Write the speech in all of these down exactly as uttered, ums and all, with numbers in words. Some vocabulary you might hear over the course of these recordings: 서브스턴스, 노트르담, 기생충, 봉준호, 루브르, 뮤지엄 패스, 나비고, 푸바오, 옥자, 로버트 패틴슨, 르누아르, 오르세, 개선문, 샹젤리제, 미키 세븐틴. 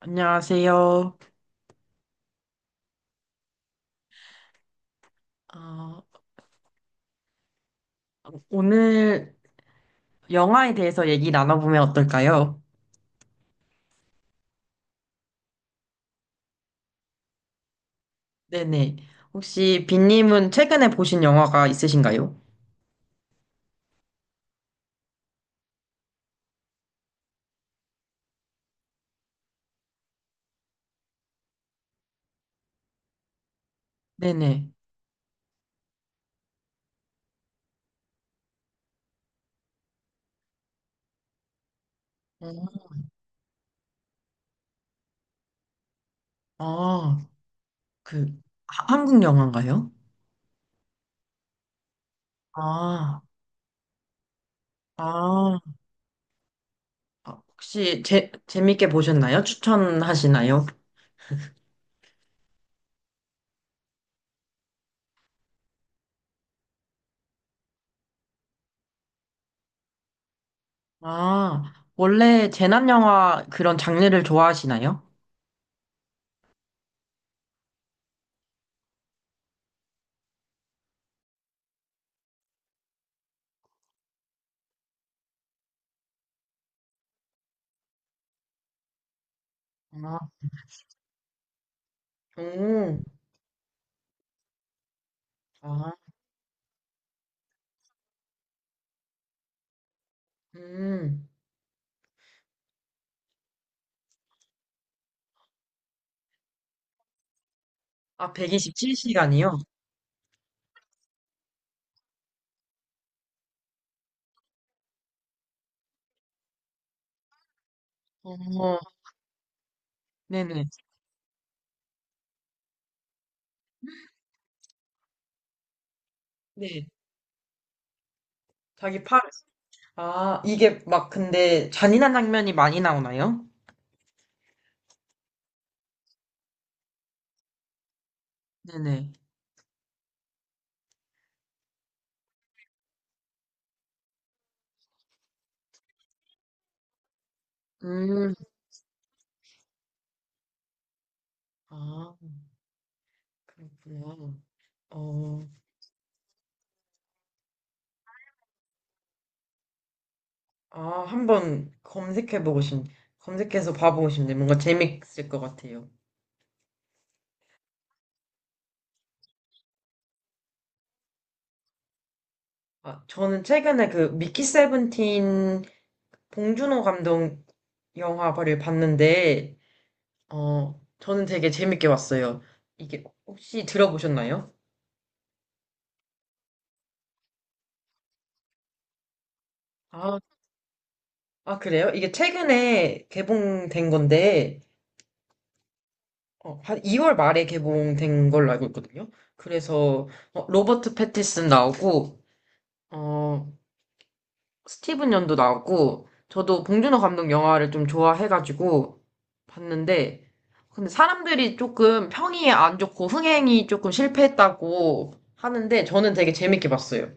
안녕하세요. 어, 오늘 영화에 대해서 얘기 나눠보면 어떨까요? 네네. 혹시 빈님은 최근에 보신 영화가 있으신가요? 네네. 음. 아, 그, 하- 한국 영화인가요? 아, 아, 아, 혹시 재, 재밌게 보셨나요? 추천하시나요? 아, 원래 재난 영화 그런 장르를 좋아하시나요? 아, 오, 아, 음, 아, 백이십칠 시간이요? 네네. 네. 자기 팔. 아, 이게 막 근데 잔인한 장면이 많이 나오나요? 네네. 음. 아, 그렇구나. 어, 아, 한번 검색해보고 싶, 검색해서 봐보고 싶네. 뭔가 재밌을 것 같아요. 아, 저는 최근에 그 미키 세븐틴 봉준호 감독 영화를 봤는데, 어, 저는 되게 재밌게 봤어요. 이게 혹시 들어보셨나요? 아.. 아, 그래요? 이게 최근에 개봉된 건데, 어, 한 이월 말에 개봉된 걸로 알고 있거든요. 그래서, 어, 로버트 패틴슨 나오고, 어, 스티븐 연도 나오고, 저도 봉준호 감독 영화를 좀 좋아해가지고 봤는데, 근데 사람들이 조금 평이 안 좋고 흥행이 조금 실패했다고 하는데, 저는 되게 재밌게 봤어요.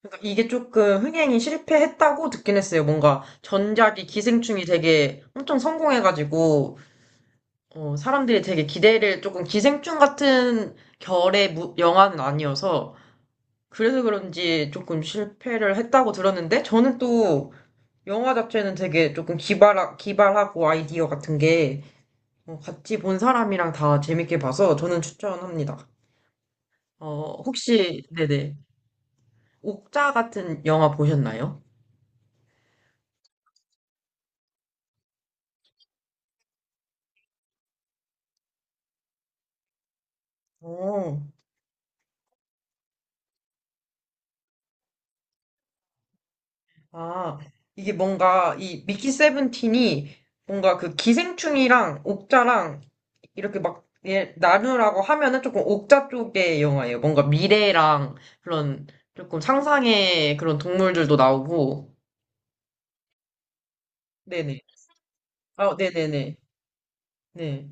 그러니까 이게 조금 흥행이 실패했다고 듣긴 했어요. 뭔가 전작이 기생충이 되게 엄청 성공해가지고, 어, 사람들이 되게 기대를 조금 기생충 같은 결의 무- 영화는 아니어서 그래서 그런지 조금 실패를 했다고 들었는데 저는 또 영화 자체는 되게 조금 기발 기발하고 아이디어 같은 게 어, 같이 본 사람이랑 다 재밌게 봐서 저는 추천합니다. 어, 혹시 네네 옥자 같은 영화 보셨나요? 어, 아, 이게 뭔가 이 미키 세븐틴이 뭔가 그 기생충이랑 옥자랑 이렇게 막 예, 나누라고 하면은 조금 옥자 쪽의 영화예요. 뭔가 미래랑 그런 조금 상상의 그런 동물들도 나오고. 네네. 아, 네네네. 네.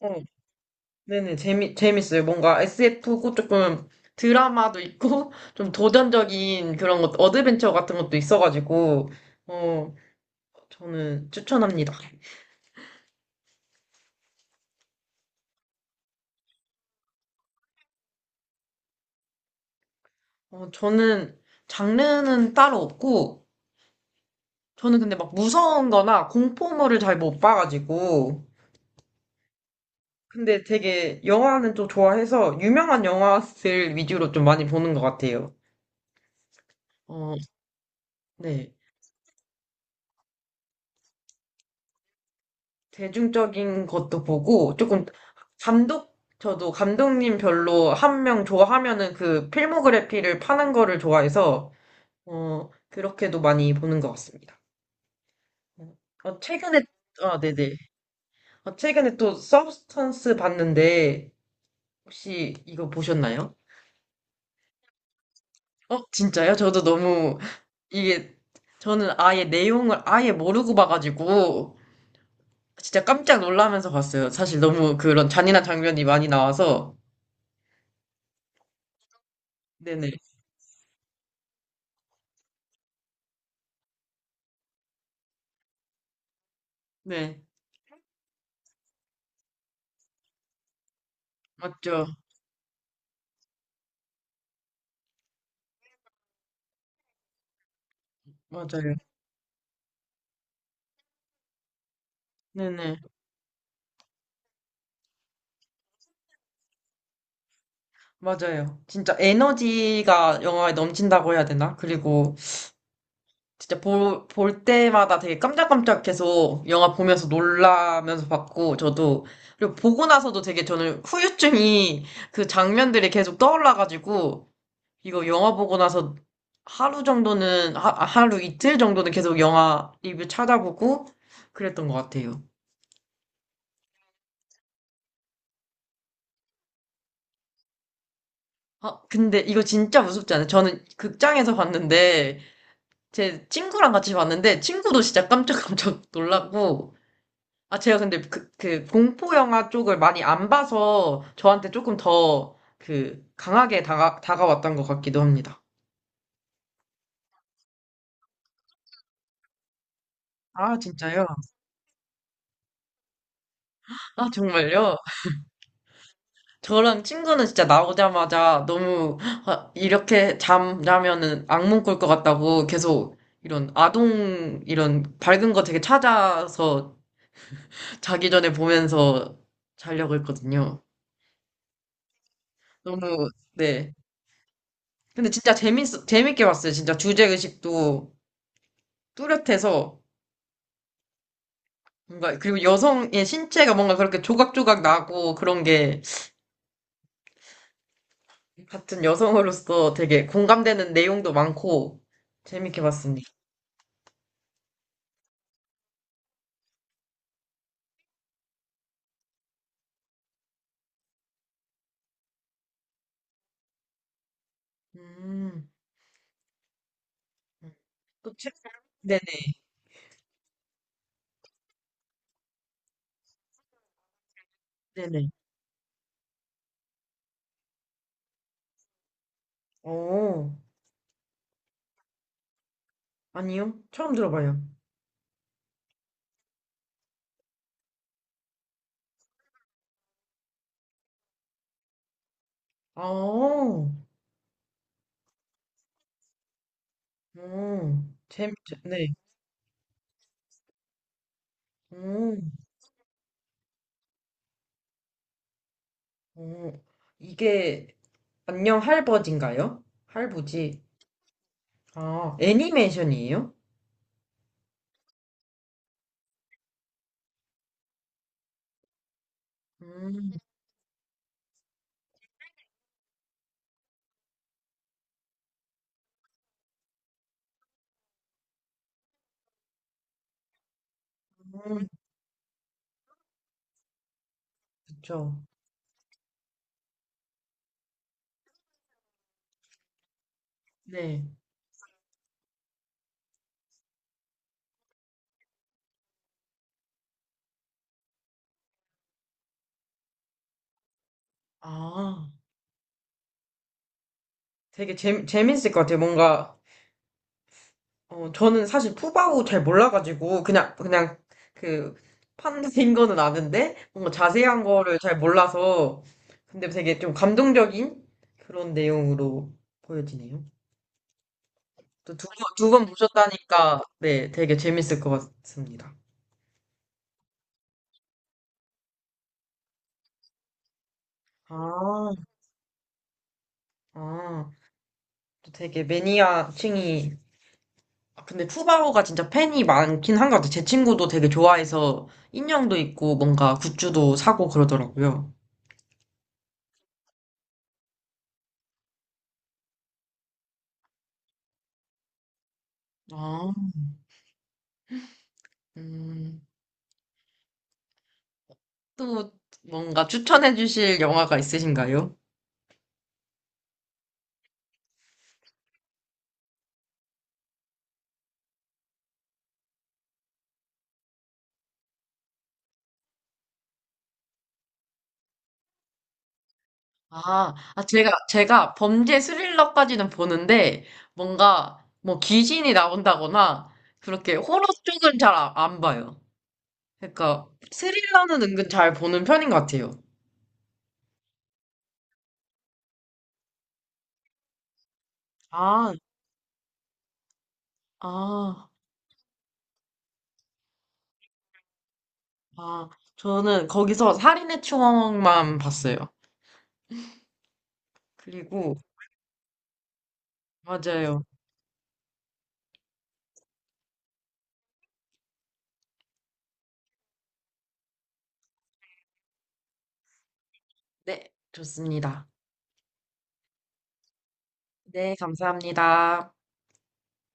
어, 네네. 재미, 재밌어요. 뭔가 에스에프고 조금 드라마도 있고, 좀 도전적인 그런 것, 어드벤처 같은 것도 있어가지고, 어, 저는 추천합니다. 어, 저는 장르는 따로 없고, 저는 근데 막 무서운 거나 공포물을 잘 못 봐가지고, 근데 되게 영화는 좀 좋아해서 유명한 영화들 위주로 좀 많이 보는 것 같아요. 어, 네. 대중적인 것도 보고 조금 감독, 저도 감독님 별로 한 명 좋아하면은 그 필모그래피를 파는 거를 좋아해서 어, 그렇게도 많이 보는 것 같습니다. 어, 최근에, 아, 네네. 어, 최근에 또 서브스턴스 봤는데 혹시 이거 보셨나요? 어, 진짜요? 저도 너무 이게 저는 아예 내용을 아예 모르고 봐가지고 진짜 깜짝 놀라면서 봤어요. 사실 너무 그런 잔인한 장면이 많이 나와서. 네네. 네. 맞죠. 맞아요. 네네. 맞아요. 진짜 에너지가 영화에 넘친다고 해야 되나? 그리고 진짜 볼, 볼 때마다 되게 깜짝깜짝 계속 영화 보면서 놀라면서 봤고, 저도. 그리고 보고 나서도 되게 저는 후유증이 그 장면들이 계속 떠올라가지고, 이거 영화 보고 나서 하루 정도는, 하, 아, 하루 이틀 정도는 계속 영화 리뷰 찾아보고 그랬던 것 같아요. 아, 근데 이거 진짜 무섭지 않아요? 저는 극장에서 봤는데, 제 친구랑 같이 봤는데, 친구도 진짜 깜짝깜짝 놀랐고, 아, 제가 근데 그, 그 공포 영화 쪽을 많이 안 봐서 저한테 조금 더 그 강하게 다가, 다가왔던 것 같기도 합니다. 아, 진짜요? 아, 정말요? 저랑 친구는 진짜 나오자마자 너무 아, 이렇게 잠자면은 악몽 꿀 것 같다고 계속 이런 아동 이런 밝은 거 되게 찾아서 자기 전에 보면서 자려고 했거든요. 너무 네. 근데 진짜 재밌 재밌게 봤어요. 진짜 주제 의식도 뚜렷해서 뭔가 그리고 여성의 신체가 뭔가 그렇게 조각조각 나고 그런 게 같은 여성으로서 되게 공감되는 내용도 많고 재밌게 봤습니다. 음. 음. 그 책, 네네, 네네. 어, 아니요. 처음 들어봐요. 아, 어, 재밌, 네. 어, 어, 이게, 안녕 할버지인가요? 할부지. 아, 애니메이션이에요? 음, 음, 그쵸. 네. 아, 되게 재, 재밌을 것 같아요. 뭔가 어, 저는 사실 푸바오 잘 몰라가지고, 그냥, 그냥, 그, 판인 거는 아는데, 뭔가 자세한 거를 잘 몰라서, 근데 되게 좀 감동적인 그런 내용으로 보여지네요. 또 두 번, 두 번 보셨다니까, 네, 되게 재밌을 것 같습니다. 아, 아, 또 되게 매니아층이, 아, 근데 푸바오가 진짜 팬이 많긴 한 것 같아요. 제 친구도 되게 좋아해서 인형도 있고, 뭔가 굿즈도 사고 그러더라고요. 아, 음. 또 뭔가 추천해 주실 영화가 있으신가요? 아, 아, 제가, 제가 범죄 스릴러까지는 보는데, 뭔가, 뭐, 귀신이 나온다거나, 그렇게 호러 쪽은 잘 안 봐요. 그러니까, 스릴러는 은근 잘 보는 편인 것 같아요. 아, 아, 아. 저는 거기서 살인의 추억만 봤어요. 그리고, 맞아요. 네, 좋습니다. 네, 감사합니다.